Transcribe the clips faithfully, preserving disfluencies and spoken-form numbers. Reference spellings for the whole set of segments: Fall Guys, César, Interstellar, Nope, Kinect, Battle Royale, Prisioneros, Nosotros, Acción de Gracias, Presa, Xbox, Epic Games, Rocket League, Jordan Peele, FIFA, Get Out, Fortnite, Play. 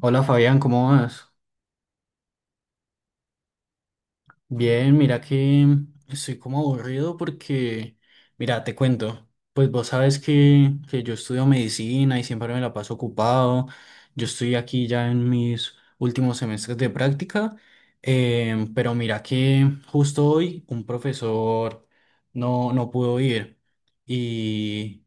Hola Fabián, ¿cómo vas? Bien, mira que estoy como aburrido porque, mira, te cuento, pues vos sabes que, que yo estudio medicina y siempre me la paso ocupado, yo estoy aquí ya en mis últimos semestres de práctica, em, pero mira que justo hoy un profesor no, no pudo ir y,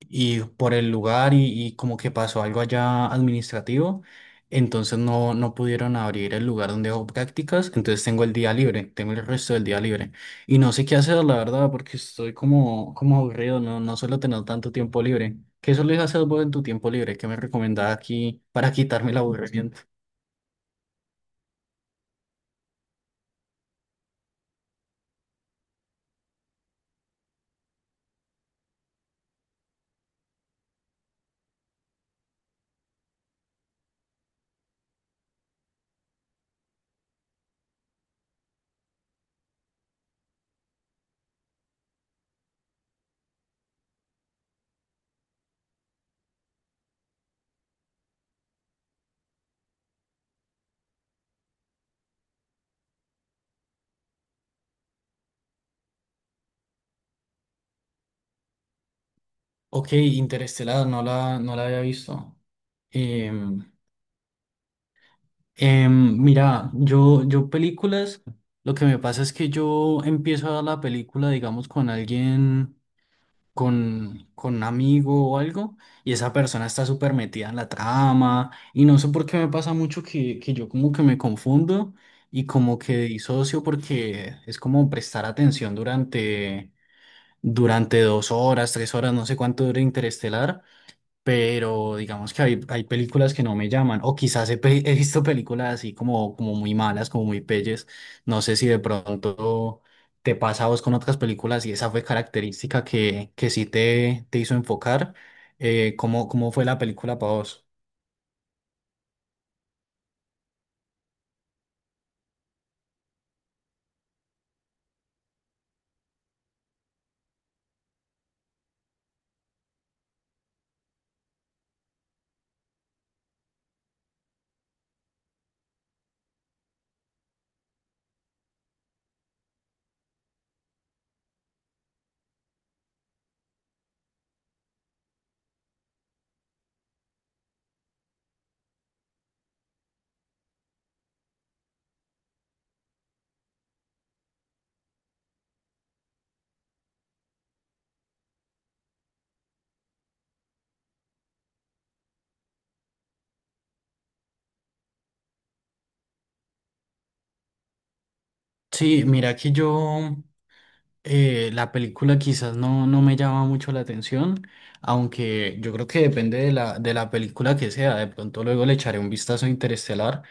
y por el lugar y, y como que pasó algo allá administrativo, entonces no, no pudieron abrir el lugar donde hago prácticas, entonces tengo el día libre, tengo el resto del día libre. Y no sé qué hacer, la verdad, porque estoy como, como aburrido, no, no suelo tener tanto tiempo libre. ¿Qué sueles hacer vos en tu tiempo libre? ¿Qué me recomendás aquí para quitarme el aburrimiento? Ok, Interestelar, no la, no la había visto. Em, mira, yo, yo películas, lo que me pasa es que yo empiezo a la película, digamos, con alguien, con, con un amigo o algo, y esa persona está súper metida en la trama, y no sé por qué me pasa mucho que, que yo como que me confundo y como que disocio porque es como prestar atención durante, durante dos horas, tres horas, no sé cuánto dura Interestelar, pero digamos que hay, hay películas que no me llaman, o quizás he, pe- he visto películas así como, como muy malas, como muy pelles, no sé si de pronto te pasa a vos con otras películas y esa fue característica que, que sí te, te hizo enfocar, eh, ¿cómo, cómo fue la película para vos? Sí, mira que yo... eh, la película quizás no, no me llama mucho la atención, aunque yo creo que depende de la, de la película que sea, de pronto luego le echaré un vistazo a Interestelar,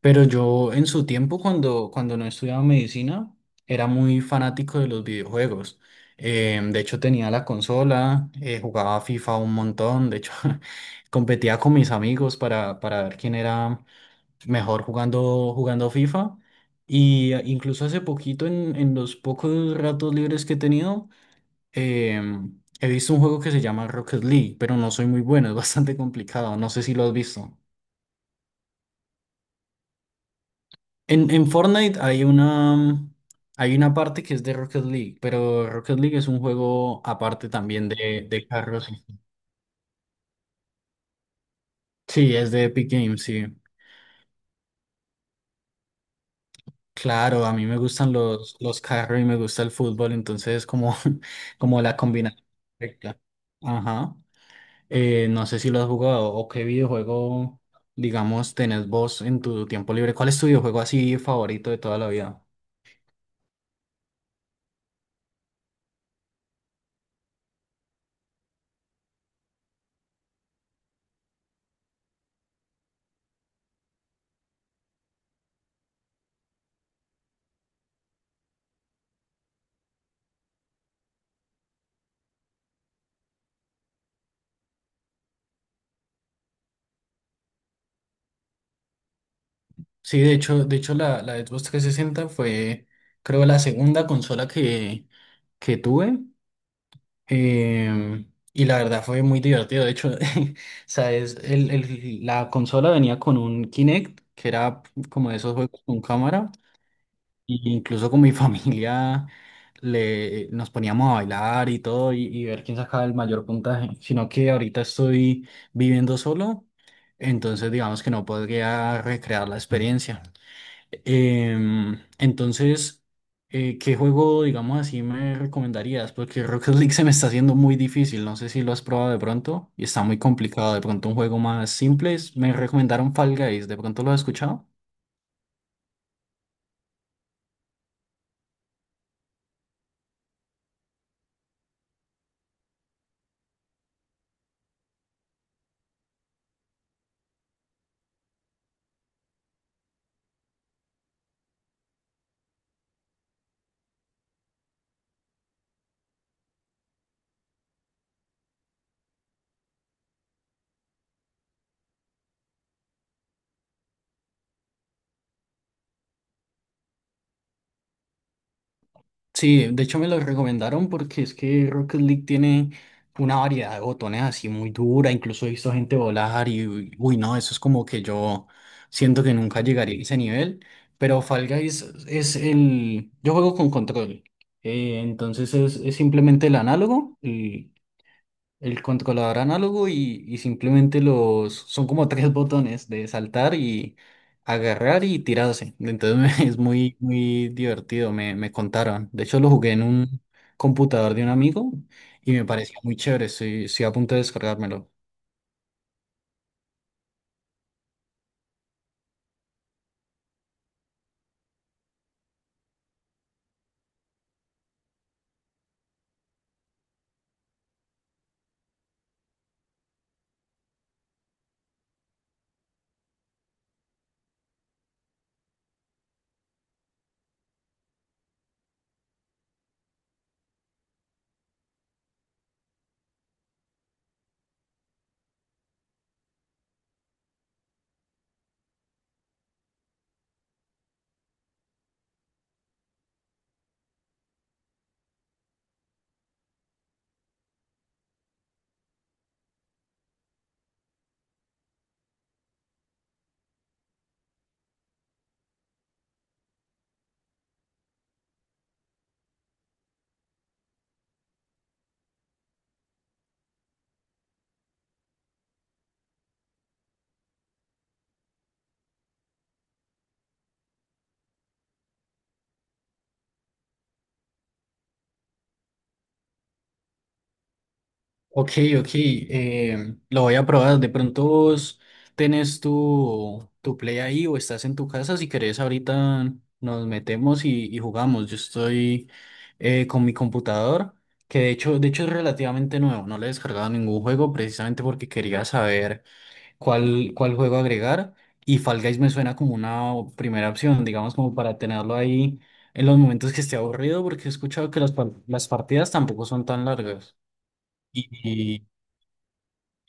pero yo en su tiempo cuando, cuando no estudiaba medicina era muy fanático de los videojuegos. Eh, de hecho tenía la consola, eh, jugaba FIFA un montón, de hecho competía con mis amigos para, para ver quién era mejor jugando, jugando FIFA. Y eh, incluso hace poquito, en, en los pocos ratos libres que he tenido, em, he visto un juego que se llama Rocket League, pero no soy muy bueno, es bastante complicado. No sé si lo has visto. En, en Fortnite hay una, mm, hay una parte que es de Rocket League, pero Rocket League es un juego aparte también de, de carros. Sí, es de Epic Games, sí. Claro, a mí me gustan los, los carros y me gusta el fútbol, entonces como, como la combinación perfecta. Ajá. Eh, no sé si lo has jugado o qué videojuego, digamos, tenés vos en tu tiempo libre. ¿Cuál es tu videojuego así favorito de toda la vida? Sí, de hecho, de hecho la, la Xbox trescientos sesenta fue, creo, la segunda consola que, que tuve. Em, y la verdad fue muy divertido. De hecho, sabes, el, el- la consola venía con un Kinect, que era como de esos juegos con cámara. Y incluso con mi familia le, nos poníamos a bailar y todo y, y ver quién sacaba el mayor puntaje. Sino que ahorita estoy viviendo solo, entonces digamos que no podría recrear la experiencia. Em, entonces, eh, ¿qué juego, digamos así, me recomendarías? Porque Rocket League se me está haciendo muy difícil. No sé si lo has probado de pronto y está muy complicado. De pronto, un juego más simple. Es- me recomendaron Fall Guys. ¿De pronto lo has escuchado? Sí, de hecho me lo recomendaron porque es que Rocket League tiene una variedad de botones así muy dura, incluso he visto gente volar y uy, uy, no, eso es como que yo siento que nunca llegaría a ese nivel, pero Fall Guys es el, yo juego con control, eh, entonces es, es simplemente el análogo, el controlador análogo y, y simplemente los... Son como tres botones de saltar y agarrar y tirarse. Entonces es muy, muy divertido, me, me contaron. De hecho lo jugué en un computador de un amigo y me parecía muy chévere. Estoy, estoy a punto de descargármelo. Ok, ok, eh, lo voy a probar. De pronto vos tenés tu, tu play ahí o estás en tu casa. Si querés, ahorita nos metemos y, y jugamos. Yo estoy eh, con mi computador, que de hecho, de hecho es relativamente nuevo. No le he descargado ningún juego precisamente porque quería saber cuál, cuál juego agregar. Y Fall Guys me suena como una o- primera opción, digamos, como para tenerlo ahí en los momentos que esté aburrido, porque he escuchado que las, par- las partidas tampoco son tan largas. Y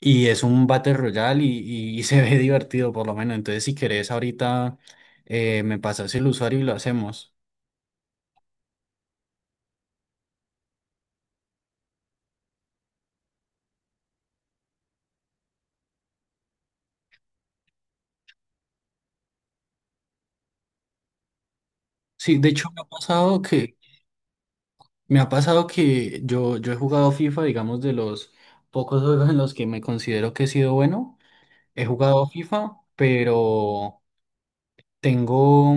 y es un Battle Royale y, y- y se ve divertido por lo menos. Entonces, si querés, ahorita eh, me pasas el usuario y lo hacemos. Sí, de hecho me ha pasado que, me ha pasado que yo, yo he jugado FIFA, digamos, de los pocos juegos en los que me considero que he sido bueno. He jugado FIFA, pero tengo.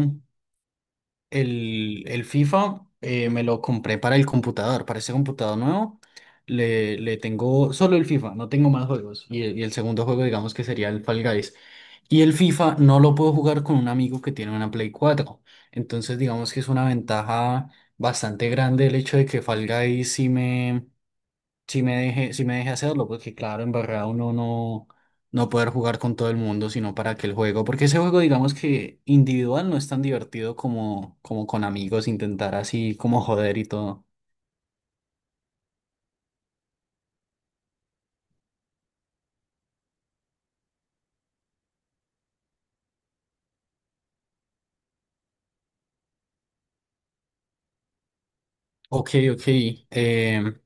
El, el FIFA, eh, me lo compré para el computador, para ese computador nuevo. Le, le tengo solo el FIFA, no tengo más juegos. Y el, y el segundo juego, digamos que sería el Fall Guys. Y el FIFA no lo puedo jugar con un amigo que tiene una Play cuatro. Entonces, digamos que es una ventaja bastante grande el hecho de que Fall Guys sí me, si me deje, si me deje hacerlo, porque claro, en verdad uno no, no poder jugar con todo el mundo, sino para que el juego, porque ese juego digamos que individual no es tan divertido como, como con amigos, intentar así como joder y todo. Ok, ok. em,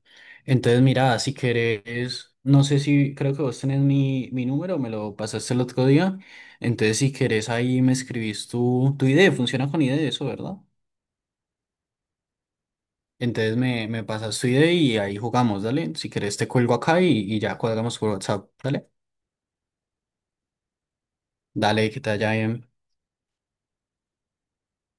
entonces mira, si querés, no sé si creo que vos tenés mi, mi número, me lo pasaste el otro día, entonces si querés ahí me escribís tu, tu idea, funciona con idea eso, ¿verdad? Entonces me, me pasas tu idea y ahí jugamos, dale. Si querés te cuelgo acá y, y ya cuadramos por WhatsApp, dale. Dale, que te vaya bien.